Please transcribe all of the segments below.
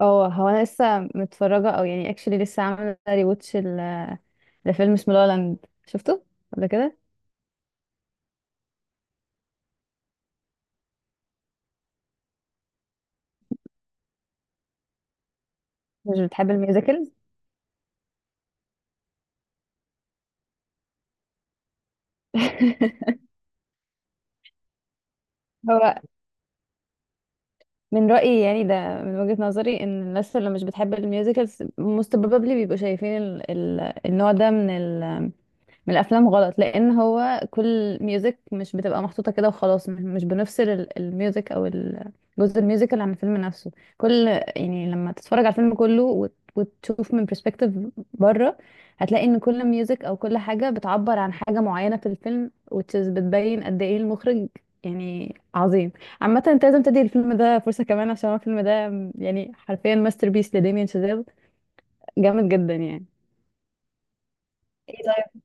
اه، هو انا لسه متفرجه، او يعني اكشلي لسه عامله ريواتش لفيلم اسمه لا لاند. شفته ولا كده؟ مش بتحب الميوزيكلز. هو من رأيي يعني، ده من وجهة نظري، ان الناس اللي مش بتحب الميوزيكلز most probably بيبقوا شايفين ال النوع ده من الافلام غلط، لان هو كل ميوزك مش بتبقى محطوطه كده وخلاص. مش بنفصل الميوزك او جزء الميوزيكال عن الفيلم نفسه. كل يعني لما تتفرج على الفيلم كله وتشوف من برسبكتيف بره، هتلاقي ان كل ميوزك او كل حاجه بتعبر عن حاجه معينه في الفيلم، which is بتبين قد ايه المخرج يعني عظيم. عامه انت لازم تدي الفيلم ده فرصه كمان، عشان هو الفيلم ده يعني حرفيا ماستر بيس لداميان شازيل. جامد جدا يعني. ايه طيب،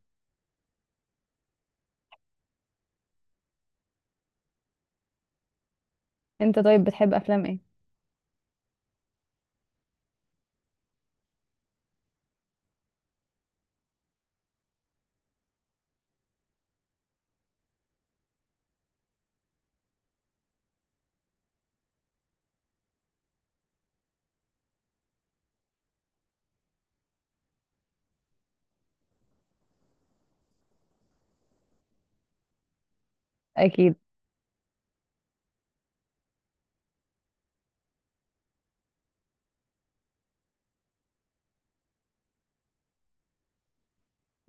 انت طيب بتحب افلام ايه؟ اكيد.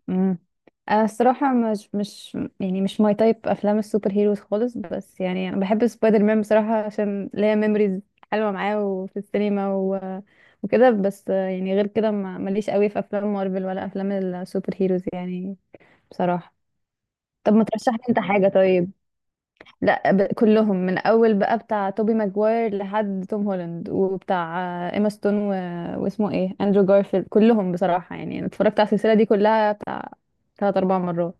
امم انا الصراحه، مش يعني مش ماي تايب افلام السوبر هيروز خالص، بس يعني انا بحب سبايدر مان بصراحه عشان ليا ميموريز حلوه معاه وفي السينما وكده. بس يعني غير كده ماليش قوي في افلام مارفل ولا افلام السوبر هيروز يعني، بصراحه. طب ما ترشح لي انت حاجه طيب؟ لا، كلهم من اول بقى بتاع توبي ماجواير لحد توم هولاند وبتاع ايما ستون واسمه ايه اندرو جارفيلد. كلهم بصراحه، يعني انا اتفرجت على السلسله دي كلها بتاع ثلاث اربع مرات.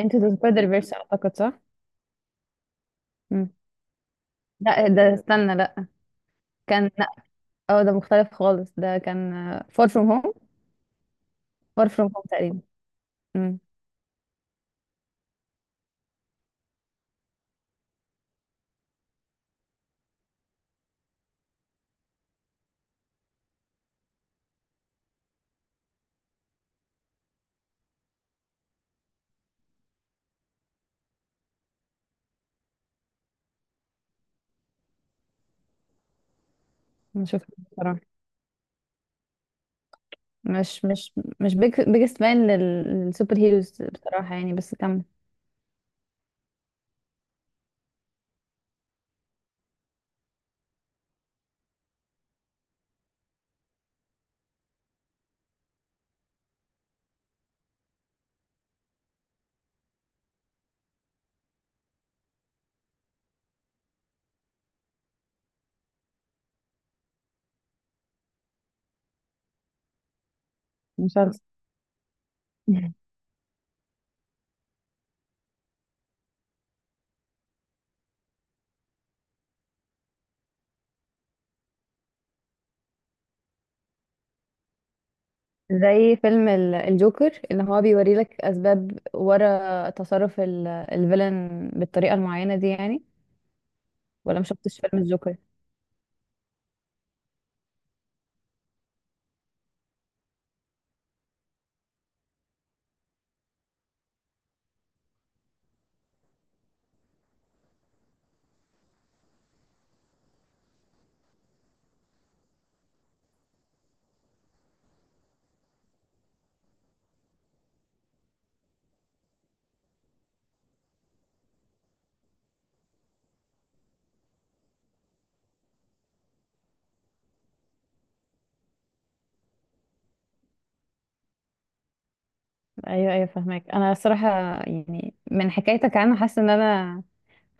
انت ذا سبايدر فيرس اعتقد، صح؟ مم. لا، ده استنى لا. كان لا. اه، ده مختلف خالص، ده كان فار فروم هوم. فار فروم هوم تقريبا. امم ما شفتش بصراحه. مش مش مش بيج بيجست فان للسوبر هيروز بصراحه يعني، بس كمل. مسلسل. زي فيلم الجوكر، اللي هو بيوري لك اسباب ورا تصرف الفيلن بالطريقه المعينه دي يعني. ولا مشفتش فيلم الجوكر؟ ايوه، ايوه، فاهمك. انا الصراحه يعني، من حكايتك عنه حاسه ان انا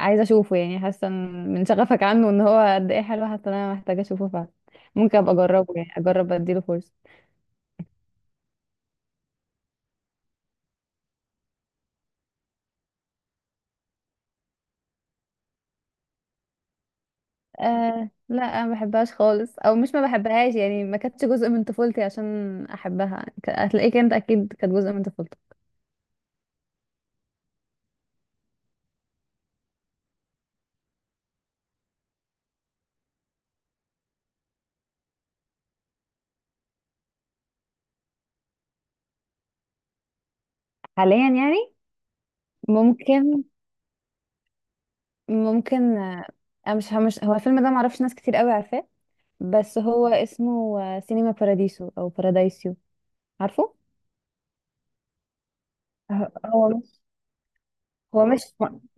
عايزه اشوفه، يعني حاسه من شغفك عنه ان هو قد ايه حلو، حاسه ان انا محتاجه اشوفه فعلا. ممكن ابقى اجربه يعني، اجرب اديله فرصه. آه لا، انا ما بحبهاش خالص، او مش ما بحبهاش يعني، ما كانتش جزء من طفولتي عشان احبها، هتلاقيك انت اكيد كانت جزء من طفولتك. حاليا يعني؟ ممكن ممكن. انا مش هو الفيلم ده معرفش ناس كتير قوي عارفاه. بس هو اسمه سينما باراديسو او بارادايسيو. عارفه؟ هو مش، هو مش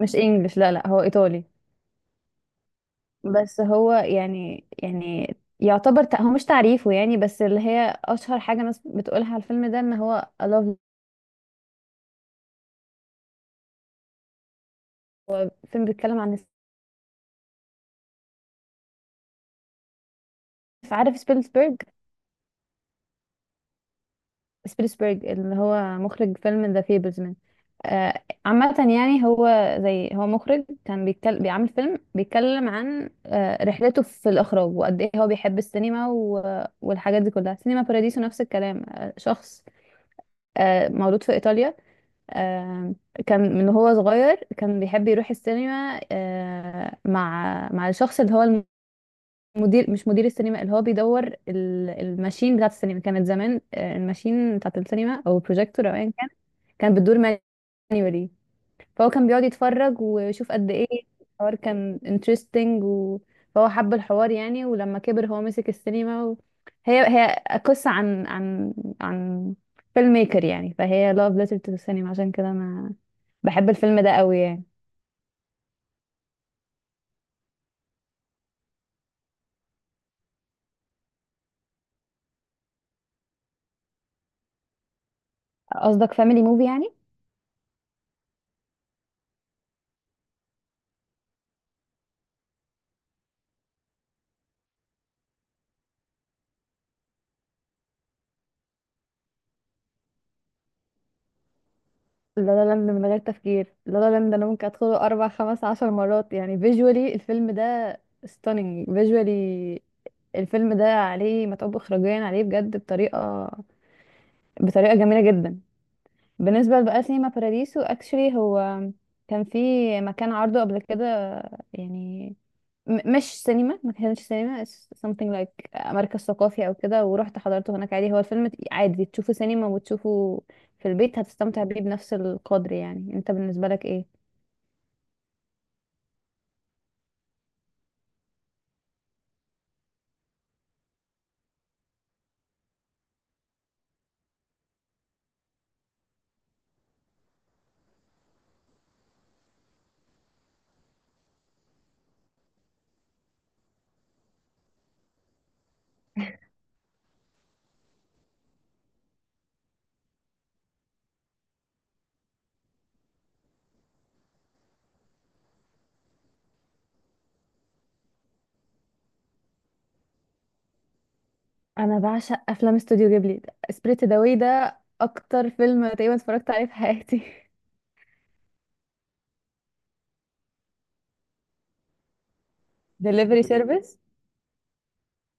مش انجلش. لا لا، هو ايطالي. بس هو يعني، يعتبر، هو مش تعريفه يعني، بس اللي هي اشهر حاجه ناس بتقولها على الفيلم ده ان هو I love. هو فيلم بيتكلم عن عارف سبيلسبرج؟ سبيلسبرج اللي هو مخرج فيلم ذا فيبرزمان. آه. عامه يعني هو، زي هو مخرج كان بيتكلم، بيعمل فيلم بيتكلم عن رحلته في الاخراج وقد ايه هو بيحب السينما والحاجات دي كلها. سينما باراديسو نفس الكلام. شخص مولود في ايطاليا. آم، كان من هو صغير كان بيحب يروح السينما، مع الشخص اللي هو المدير، مش مدير السينما اللي هو بيدور الماشين بتاعت السينما، كانت زمان الماشين بتاعت السينما او البروجيكتور او ايا كان كان بتدور مانيوالي. فهو كان بيقعد يتفرج ويشوف قد ايه الحوار كان انترستنج، فهو حب الحوار يعني. ولما كبر هو مسك السينما. هي قصة عن عن فيلم ميكر يعني، فهي لاف ليتر تو السينما، عشان كده انا بحب الفيلم ده قوي يعني. قصدك فاميلي موفي يعني؟ لا لا لاند من غير تفكير. لا لا لاند انا ممكن ادخله اربع خمس عشر مرات يعني. فيجوالي الفيلم ده ستانينج فيجوالي. الفيلم ده عليه متعوب اخراجيا عليه بجد، بطريقه جميله جدا. بالنسبه بقى سينما باراديسو اكشلي، هو كان في مكان عرضه قبل كده يعني، مش سينما، ما كانش سينما، it's something like مركز ثقافي او كده. ورحت حضرته هناك عادي. هو الفيلم عادي تشوفه سينما وتشوفه في البيت هتستمتع بيه بنفس القدر. يعني انت بالنسبة لك ايه؟ انا بعشق افلام استوديو جيبلي. سبريت ذا ده اكتر فيلم تقريبا اتفرجت عليه في حياتي. دليفري سيرفيس،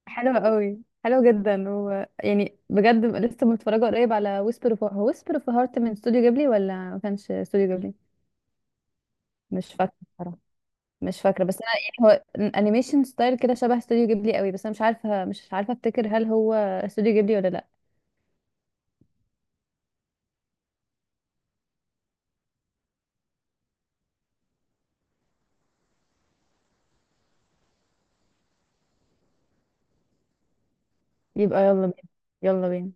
حلو قوي، حلو جدا، و يعني بجد لسه متفرجه قريب على ويسبر اوف هارت. من استوديو جيبلي ولا ما كانش استوديو جيبلي؟ مش فاكره، مش فاكره، بس انا يعني هو انيميشن ستايل كده شبه استوديو جيبلي قوي، بس انا مش عارفه، مش عارفه افتكر هل هو استوديو جيبلي ولا لا. يبقى يلا بينا. يلا بينا.